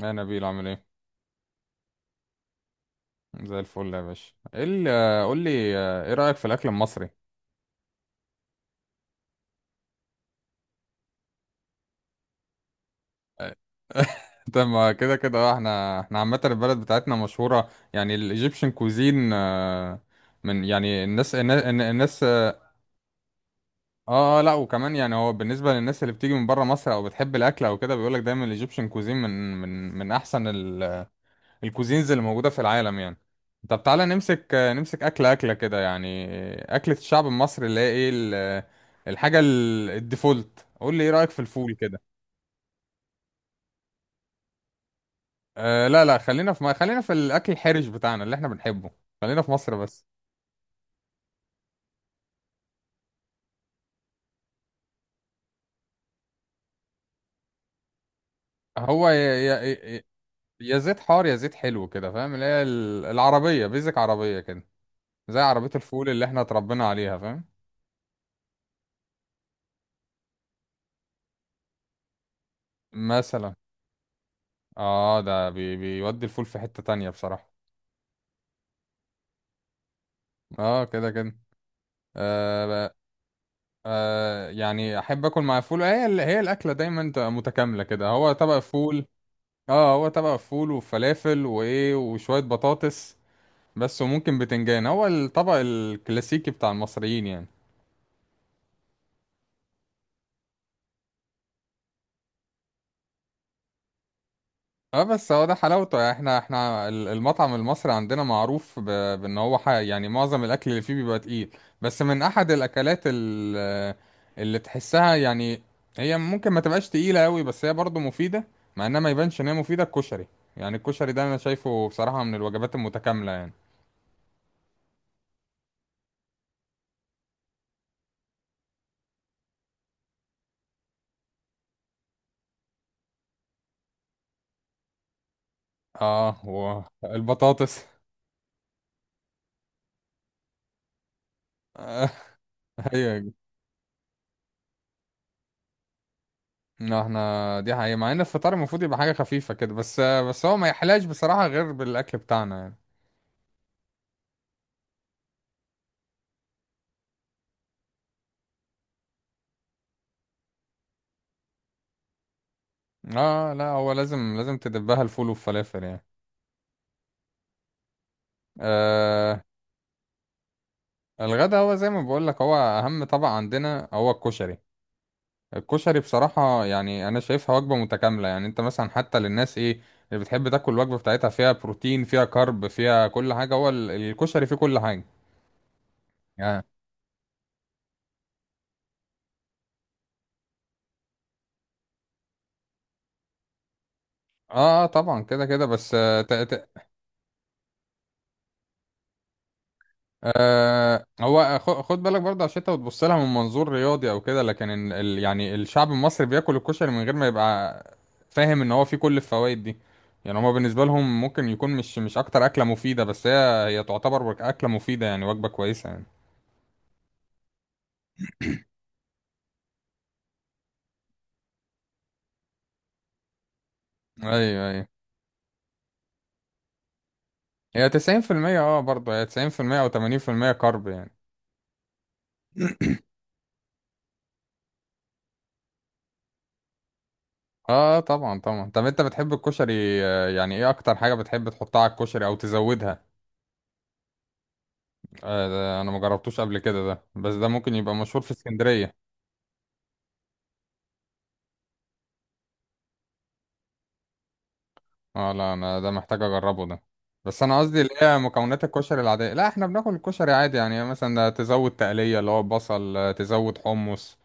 يا نبيل عامل ايه؟ زي الفل يا باشا. ايه ال- آه، قول لي، ايه رأيك في الاكل المصري؟ آه، طب ما كده كده، احنا عامة البلد بتاعتنا مشهورة يعني الايجيبشن كوزين. من يعني الناس. لا وكمان يعني هو بالنسبة للناس اللي بتيجي من بره مصر او بتحب الاكل او كده، بيقولك دايما الايجيبشن كوزين من من احسن الكوزينز اللي موجودة في العالم يعني. طب تعالى نمسك أكلة كده يعني. أكلة الشعب المصري اللي هي إيه الحاجة الديفولت. قول لي إيه رأيك في الفول كده؟ أه لا خلينا في ما خلينا في الأكل الحرج بتاعنا اللي إحنا بنحبه. خلينا في مصر بس. هو يا زيت حار يا زيت حلو كده، فاهم؟ اللي هي العربية بيزك، عربية كده، زي عربية الفول اللي إحنا اتربينا عليها، فاهم؟ مثلا، ده بي بيودي الفول في حتة تانية بصراحة. آه كده كده. آه يعني احب اكل مع فول. هي هي الاكله دايما تبقى متكامله كده. هو طبق فول، اه، هو طبق فول وفلافل وايه وشويه بطاطس بس، وممكن بتنجان. هو الطبق الكلاسيكي بتاع المصريين يعني. اه بس هو ده حلاوته يعني. احنا المطعم المصري عندنا معروف بان يعني معظم الاكل اللي فيه بيبقى تقيل. بس من احد الاكلات اللي تحسها يعني هي ممكن ما تبقاش تقيلة قوي بس هي برضه مفيدة، مع انها ما يبانش ان هي مفيدة، الكشري يعني. الكشري ده انا شايفه بصراحة من الوجبات المتكاملة يعني. اه والبطاطس. ايوه. لا، احنا دي حقيقة. مع ان الفطار المفروض يبقى حاجة خفيفة كده، بس هو ما يحلاش بصراحة غير بالاكل بتاعنا يعني. اه لا، هو لازم تدبها الفول والفلافل يعني. آه. الغدا هو زي ما بقول لك، هو اهم طبق عندنا هو الكشري. الكشري بصراحة يعني انا شايفها وجبة متكاملة يعني. انت مثلا حتى للناس ايه اللي بتحب تاكل الوجبة بتاعتها فيها بروتين فيها كارب فيها كل حاجة، هو الكشري فيه كل حاجة يعني. اه طبعا كده كده بس. آه هو خد بالك برضه، عشان انت بتبص لها من منظور رياضي او كده، لكن ال ال يعني الشعب المصري بياكل الكشري من غير ما يبقى فاهم ان هو فيه كل الفوائد دي. يعني هما بالنسبه لهم ممكن يكون مش اكتر اكله مفيده، بس هي تعتبر اكله مفيده يعني، وجبه كويسه يعني. ايوه. هي 90%. اه برضه هي 90% او 80% كارب يعني. اه طبعا طبعا. طب انت بتحب الكشري، يعني ايه اكتر حاجه بتحب تحطها على الكشري او تزودها؟ آه ده انا ما جربتوش قبل كده ده، بس ده ممكن يبقى مشهور في اسكندريه. اه لا، انا ده محتاج اجربه ده، بس انا قصدي اللي هي مكونات الكشري العاديه. لا، احنا بناكل الكشري عادي يعني، مثلا تزود تقليه اللي هو بصل، تزود حمص،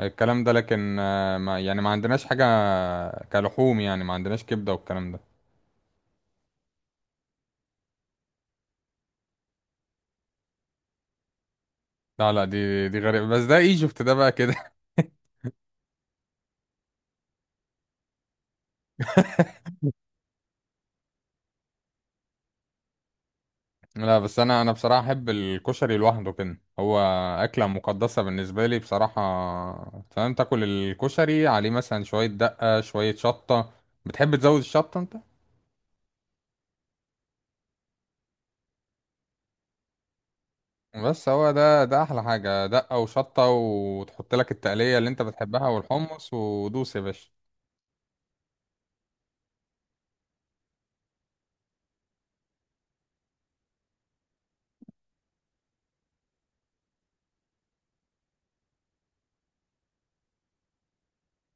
الكلام ده. لكن ما يعني ما عندناش حاجه كلحوم يعني، ما عندناش كبده والكلام ده. لا لا، دي غريبه، بس ده ايجيبت ده بقى كده. لا، بس انا بصراحه احب الكشري لوحده كده، هو اكله مقدسه بالنسبه لي بصراحه، فاهم؟ تاكل الكشري عليه مثلا شويه دقه شويه شطه. بتحب تزود الشطه انت؟ بس هو ده احلى حاجة، دقة وشطة وتحط لك التقلية اللي انت بتحبها والحمص، ودوس يا باشا.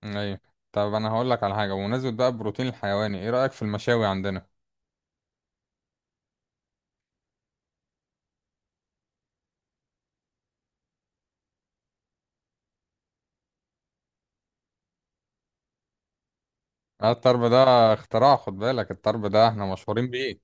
ايوه. طب انا هقول لك على حاجة، بمناسبة بقى البروتين الحيواني، ايه رأيك في المشاوي عندنا؟ الطرب ده اختراع، خد بالك، الطرب ده احنا مشهورين بيه.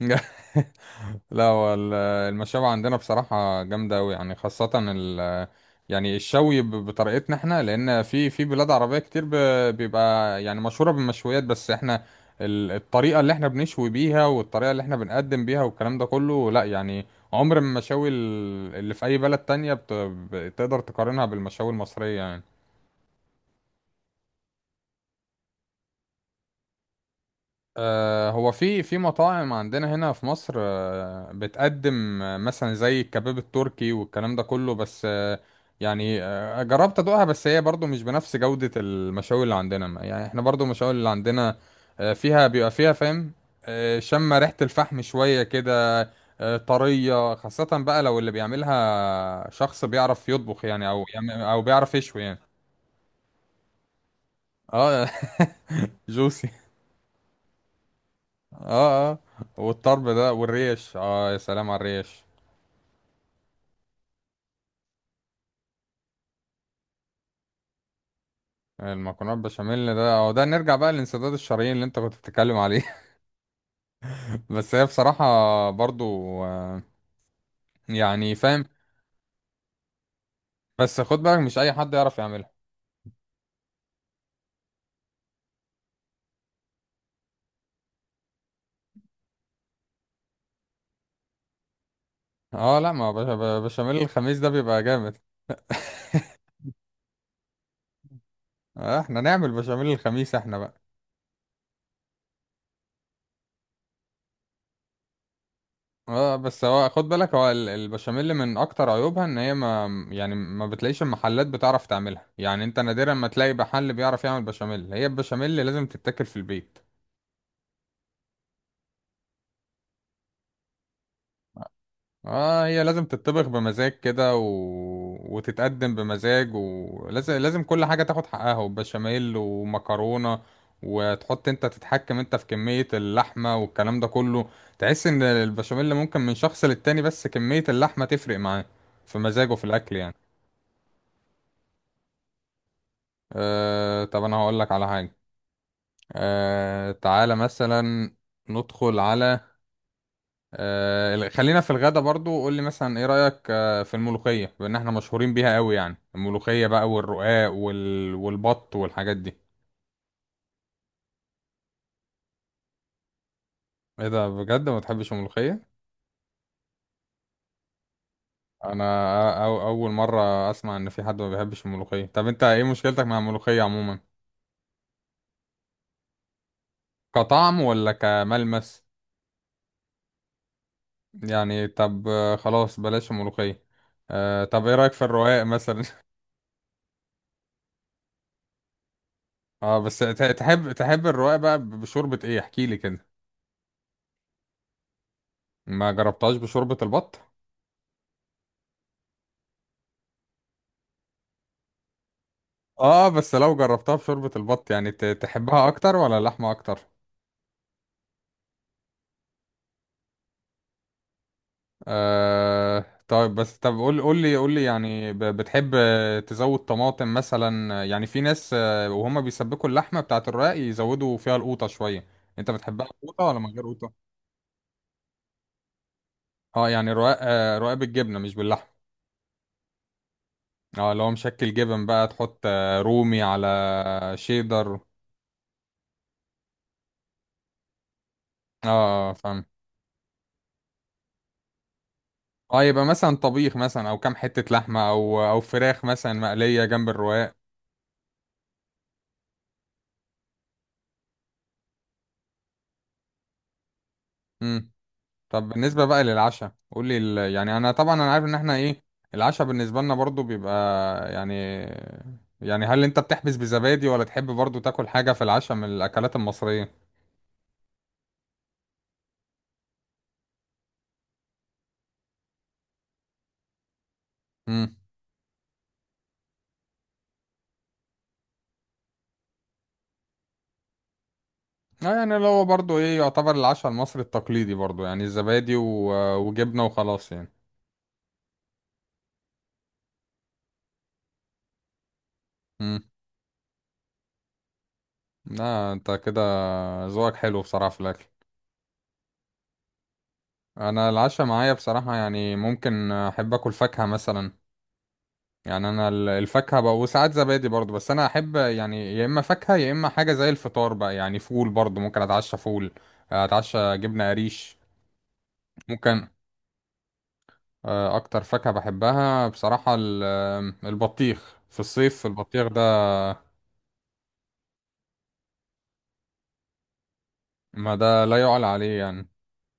لا هو المشاوي عندنا بصراحة جامدة أوي يعني، خاصة ال يعني الشوي بطريقتنا احنا، لأن في بلاد عربية كتير بيبقى يعني مشهورة بالمشويات، بس احنا الطريقة اللي احنا بنشوي بيها، والطريقة اللي احنا بنقدم بيها، والكلام ده كله لا يعني، عمر ما المشاوي اللي في أي بلد تانية بتقدر تقارنها بالمشاوي المصرية يعني. هو في مطاعم عندنا هنا في مصر، بتقدم، مثلا زي الكباب التركي والكلام ده كله، بس يعني جربت ادوقها، بس هي برضو مش بنفس جودة المشاوي اللي عندنا. يعني احنا برضو المشاوي اللي عندنا، فيها بيبقى فيها، فاهم؟ شم ريحة الفحم شوية كده، طرية. خاصة بقى لو اللي بيعملها شخص بيعرف يطبخ يعني، او بيعرف يشوي يعني. اه. جوسي. اه اه. والطرب ده والريش، اه يا سلام على الريش. المكرونه البشاميل ده، اه ده نرجع بقى للانسداد الشرايين اللي انت كنت بتتكلم عليه. بس هي بصراحه برضو، آه، يعني فاهم. بس خد بالك، مش اي حد يعرف يعملها. اه لا ما بشاميل الخميس ده بيبقى جامد. آه، احنا نعمل بشاميل الخميس احنا بقى. اه بس هو خد بالك، هو البشاميل من اكتر عيوبها ان هي ما يعني ما بتلاقيش المحلات بتعرف تعملها يعني. انت نادرا ما تلاقي محل بيعرف يعمل بشاميل. هي البشاميل لازم تتاكل في البيت. اه هي لازم تتطبخ بمزاج كده، و... وتتقدم بمزاج، ولازم كل حاجة تاخد حقها، وبشاميل ومكرونة، وتحط، انت تتحكم انت في كمية اللحمة والكلام ده كله. تحس ان البشاميل ممكن من شخص للتاني، بس كمية اللحمة تفرق معاه في مزاجه في الاكل يعني. آه. طب انا هقولك على حاجة، آه تعالى مثلا ندخل على، خلينا في الغدا برضو. قول لي مثلا ايه رأيك في الملوخية، بان احنا مشهورين بيها قوي يعني، الملوخية بقى والرقاق والبط والحاجات دي؟ ايه ده بجد، ما بتحبش الملوخية؟ انا اول مرة اسمع ان في حد ما بيحبش الملوخية. طب انت ايه مشكلتك مع الملوخية عموما، كطعم ولا كملمس؟ يعني طب، خلاص بلاش الملوخية. أه طب ايه رأيك في الرقاق مثلا؟ اه بس تحب الرقاق بقى بشوربة ايه؟ احكي لي كده. ما جربتهاش بشوربة البط؟ اه بس لو جربتها بشوربة البط يعني، تحبها اكتر ولا اللحمة اكتر؟ آه طيب، بس طب قول لي يعني، بتحب تزود طماطم مثلا؟ يعني في ناس، وهم بيسبكوا اللحمة بتاعة الرقاق يزودوا فيها القوطة شوية، انت بتحبها قوطة ولا من غير قوطة؟ اه يعني رقاق، رقاق بالجبنة مش باللحمة. اه لو مشكل جبن بقى، تحط رومي على شيدر. اه فاهم. اه يبقى مثلا طبيخ مثلا، او كام حتة لحمة، او فراخ مثلا مقلية جنب الرقاق. مم. طب بالنسبة بقى للعشاء، قول لي يعني انا طبعا انا عارف ان احنا ايه، العشاء بالنسبة لنا برضو بيبقى يعني، يعني هل انت بتحبس بزبادي ولا تحب برضو تاكل حاجة في العشاء من الاكلات المصرية؟ امم. آه يعني اللي هو برضو ايه، يعتبر العشاء المصري التقليدي برضو يعني الزبادي وجبنة وخلاص يعني. امم. لا انت كده ذوقك حلو بصراحة في الاكل. انا العشاء معايا بصراحة يعني ممكن احب اكل فاكهة مثلا يعني. انا الفاكهه بقى، وساعات زبادي برضو، بس انا احب يعني يا اما فاكهه يا اما حاجه زي الفطار بقى يعني، فول برضو ممكن اتعشى فول، اتعشى جبنه قريش، ممكن. اكتر فاكهه بحبها بصراحه البطيخ. في الصيف البطيخ ده ما ده لا يعلى عليه يعني،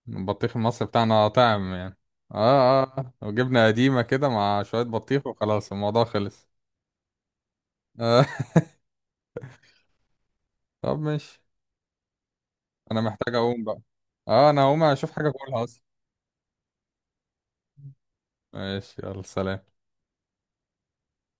البطيخ المصري بتاعنا طعم يعني. اه اه آه. وجبنه قديمه كده مع شويه بطيخ وخلاص الموضوع خلص. آه. طب ماشي، انا محتاج اقوم بقى. اه انا هقوم اشوف حاجه اكلها اصلا. ماشي يلا سلام.